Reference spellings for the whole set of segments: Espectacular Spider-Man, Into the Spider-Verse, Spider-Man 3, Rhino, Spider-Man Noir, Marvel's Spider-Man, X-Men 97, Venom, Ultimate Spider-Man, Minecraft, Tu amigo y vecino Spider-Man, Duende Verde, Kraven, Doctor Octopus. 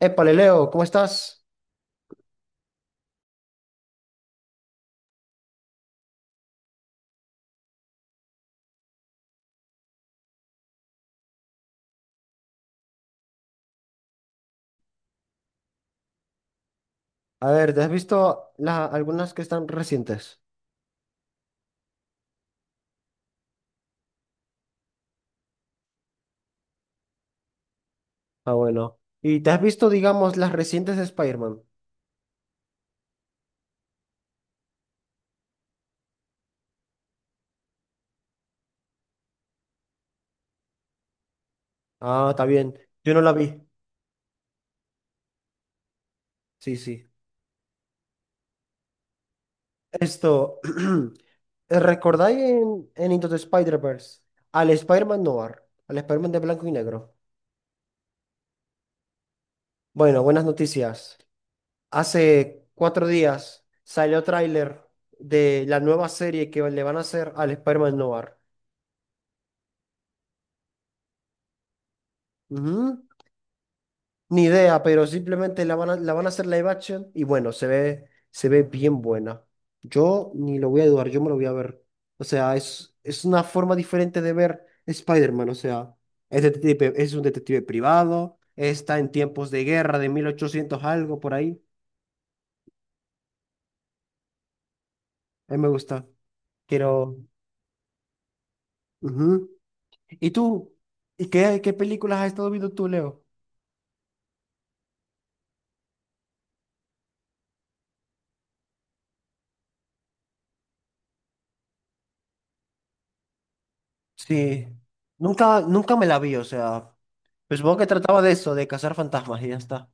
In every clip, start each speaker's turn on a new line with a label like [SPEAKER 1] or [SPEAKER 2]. [SPEAKER 1] Épale, Leo, ¿cómo estás? A ver, ¿te has visto algunas que están recientes? Ah, bueno. ¿Y te has visto, digamos, las recientes de Spider-Man? Ah, está bien. Yo no la vi. Sí, sí. Esto, ¿recordáis en Into the Spider-Verse al Spider-Man Noir, al Spider-Man de blanco y negro? Bueno, buenas noticias. Hace 4 días salió tráiler de la nueva serie que le van a hacer al Spider-Man Noir. Ujú. Ni idea, pero simplemente la van a hacer live action y bueno, se ve bien buena. Yo ni lo voy a dudar, yo me lo voy a ver. O sea, es una forma diferente de ver Spider-Man. O sea, es un detective privado, está en tiempos de guerra de 1800 algo por ahí. A mí me gusta. Quiero. Ujú. ¿Y tú? ¿Y qué películas has estado viendo tú, Leo? Sí. Nunca me la vi, o sea, pues supongo que trataba de eso, de cazar fantasmas y ya está.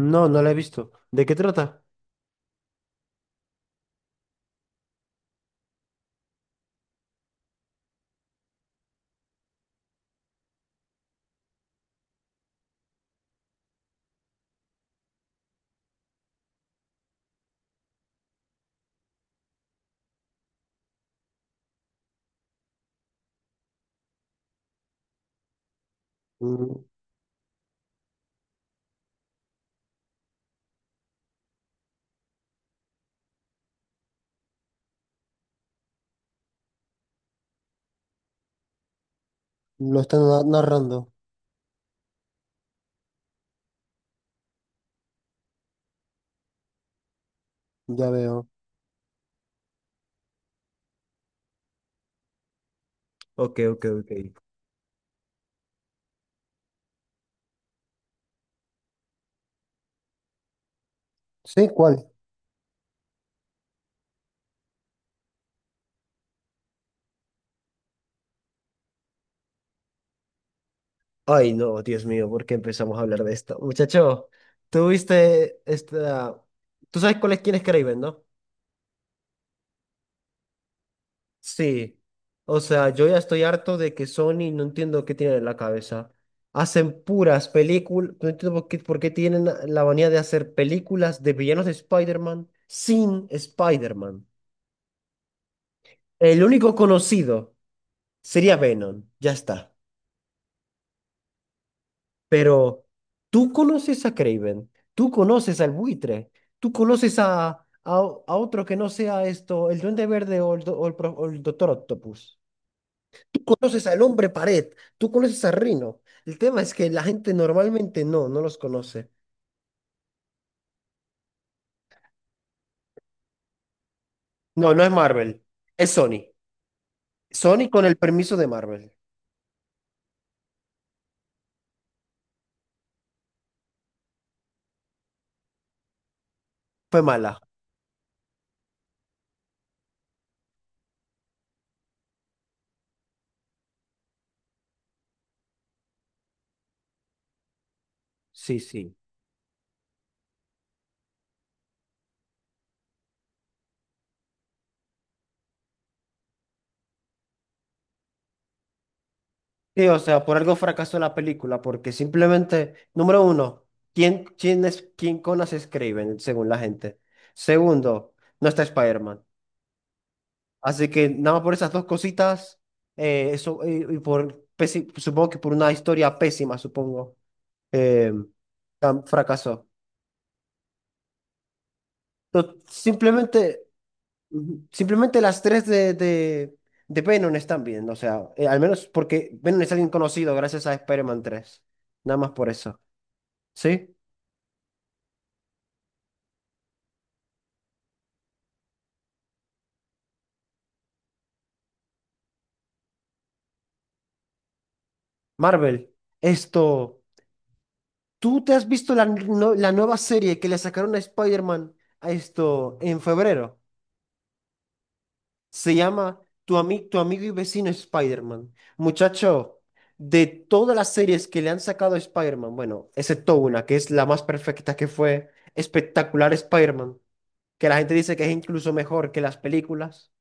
[SPEAKER 1] No, no la he visto. ¿De qué trata? Mm, Lo están narrando, ya veo. Ok, ok, ok. ¿Sí? ¿Cuál? Ay, no, Dios mío, ¿por qué empezamos a hablar de esto? Muchacho, tú viste esta. ¿Tú sabes cuál es quién es Kraven, no? Sí. O sea, yo ya estoy harto de que Sony, no entiendo qué tienen en la cabeza. Hacen puras películas, no entiendo por qué tienen la manía de hacer películas de villanos de Spider-Man sin Spider-Man. El único conocido. Sería Venom, ya está. Pero tú conoces a Craven, tú conoces al buitre, tú conoces a otro que no sea esto, el Duende Verde o el, do- o el pro- o el Doctor Octopus. Tú conoces al hombre pared, tú conoces a Rhino. El tema es que la gente normalmente no los conoce. No, no es Marvel, es Sony. Sony con el permiso de Marvel. Fue mala. Sí, sí. Sí, o sea, por algo fracasó la película, porque simplemente, número uno, ¿quién conas escriben, según la gente? Segundo, no está Spider-Man. Así que nada más por esas dos cositas, eso, supongo que por una historia pésima, supongo, eh, fracasó. No, simplemente, ujú, simplemente las tres de Venom están bien, o sea, al menos porque Venom es alguien conocido gracias a Spider-Man 3. Nada más por eso, ¿sí? Marvel, esto, ¿tú te has visto la, no- la nueva serie que le sacaron a Spider-Man a esto en febrero? Se llama Tu amigo y vecino Spider-Man. Muchacho, de todas las series que le han sacado a Spider-Man, bueno, excepto una, que es la más perfecta, que fue Espectacular Spider-Man, que la gente dice que es incluso mejor que las películas.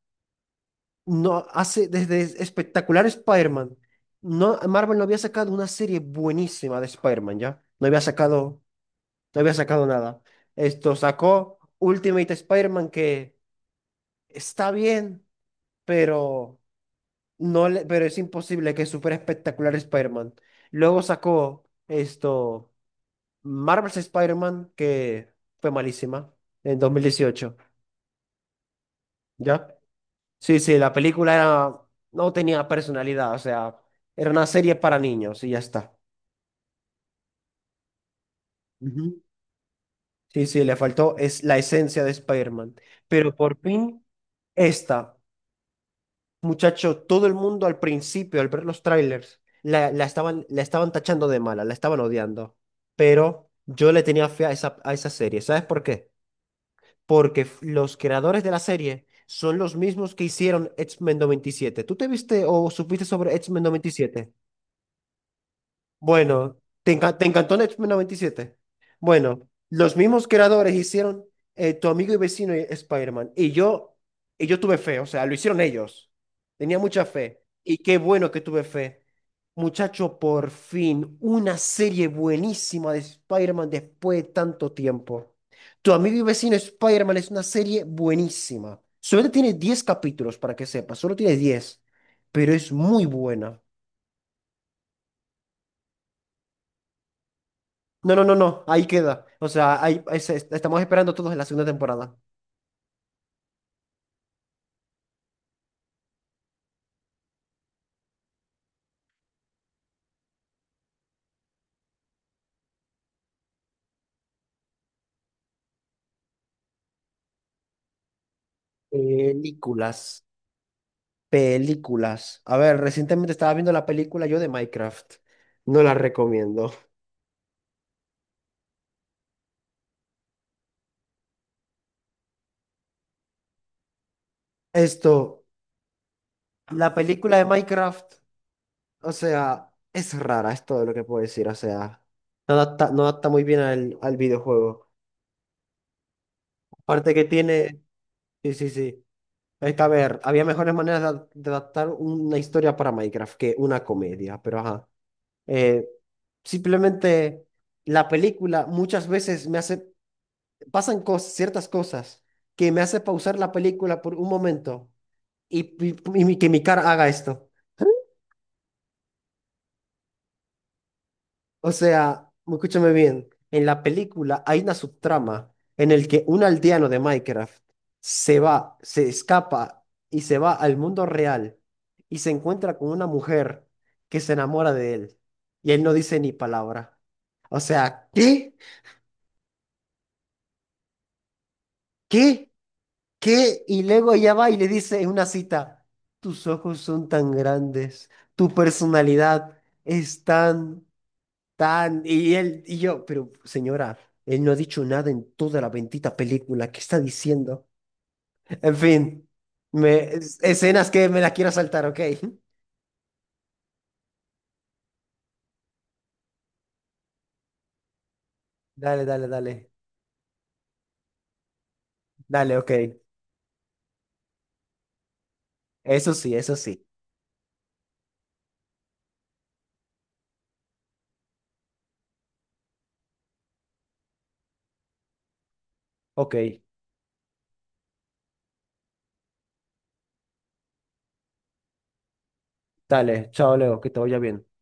[SPEAKER 1] No hace, Desde Espectacular Spider-Man, no, Marvel no había sacado una serie buenísima de Spider-Man, ¿ya? No había sacado nada. Esto sacó Ultimate Spider-Man que está bien, pero no le, pero es imposible que supere espectacular Spider-Man. Luego sacó esto Marvel's Spider-Man que fue malísima en 2018, ¿ya? Sí, sí, la película era, no tenía personalidad, o sea, era una serie para niños y ya está. Ujú. Sí, sí, le faltó es la esencia de Spider-Man, pero por fin esta. Muchacho, todo el mundo al principio, al ver los trailers, la estaban tachando de mala, la estaban odiando. Pero yo le tenía fe a esa serie. ¿Sabes por qué? Porque los creadores de la serie son los mismos que hicieron X-Men 97. ¿Tú te viste o supiste sobre X-Men 97? Bueno, ¿te encantó X-Men 97? Bueno, los mismos creadores hicieron Tu amigo y vecino y Spider-Man. Y yo tuve fe, o sea, lo hicieron ellos. Tenía mucha fe. Y qué bueno que tuve fe. Muchacho, por fin, una serie buenísima de Spider-Man después de tanto tiempo. Tu amigo y vecino Spider-Man es una serie buenísima. Solo tiene 10 capítulos, para que sepas, solo tiene 10, pero es muy buena. No, no, no, no, ahí queda. O sea, ahí, estamos esperando todos en la segunda temporada. Películas, películas. A ver, recientemente estaba viendo la película yo de Minecraft. No la recomiendo. Esto, la película de Minecraft, o sea, es rara, es todo lo que puedo decir. O sea, no adapta muy bien al videojuego. Aparte que tiene, sí, sí, sí. Es que, a ver, había mejores maneras de adaptar una historia para Minecraft que una comedia, pero ajá. Eh, Simplemente la película muchas veces me hace, pasan cosas, ciertas cosas que me hace pausar la película por un momento que mi cara haga esto. O sea, escúchame bien, en la película hay una subtrama en el que un aldeano de Minecraft se va, se escapa y se va al mundo real y se encuentra con una mujer que se enamora de él y él no dice ni palabra. O sea, ¿qué? ¿Qué? ¿Qué? Y luego ella va y le dice en una cita, tus ojos son tan grandes, tu personalidad es tan, tan. Y él y yo, pero señora, él no ha dicho nada en toda la bendita película, ¿qué está diciendo? En fin, escenas que me las quiero saltar, ¿ok? Dale, dale, dale, dale, ok. Eso sí, eso sí. Ok, dale, chao Leo, que te vaya bien.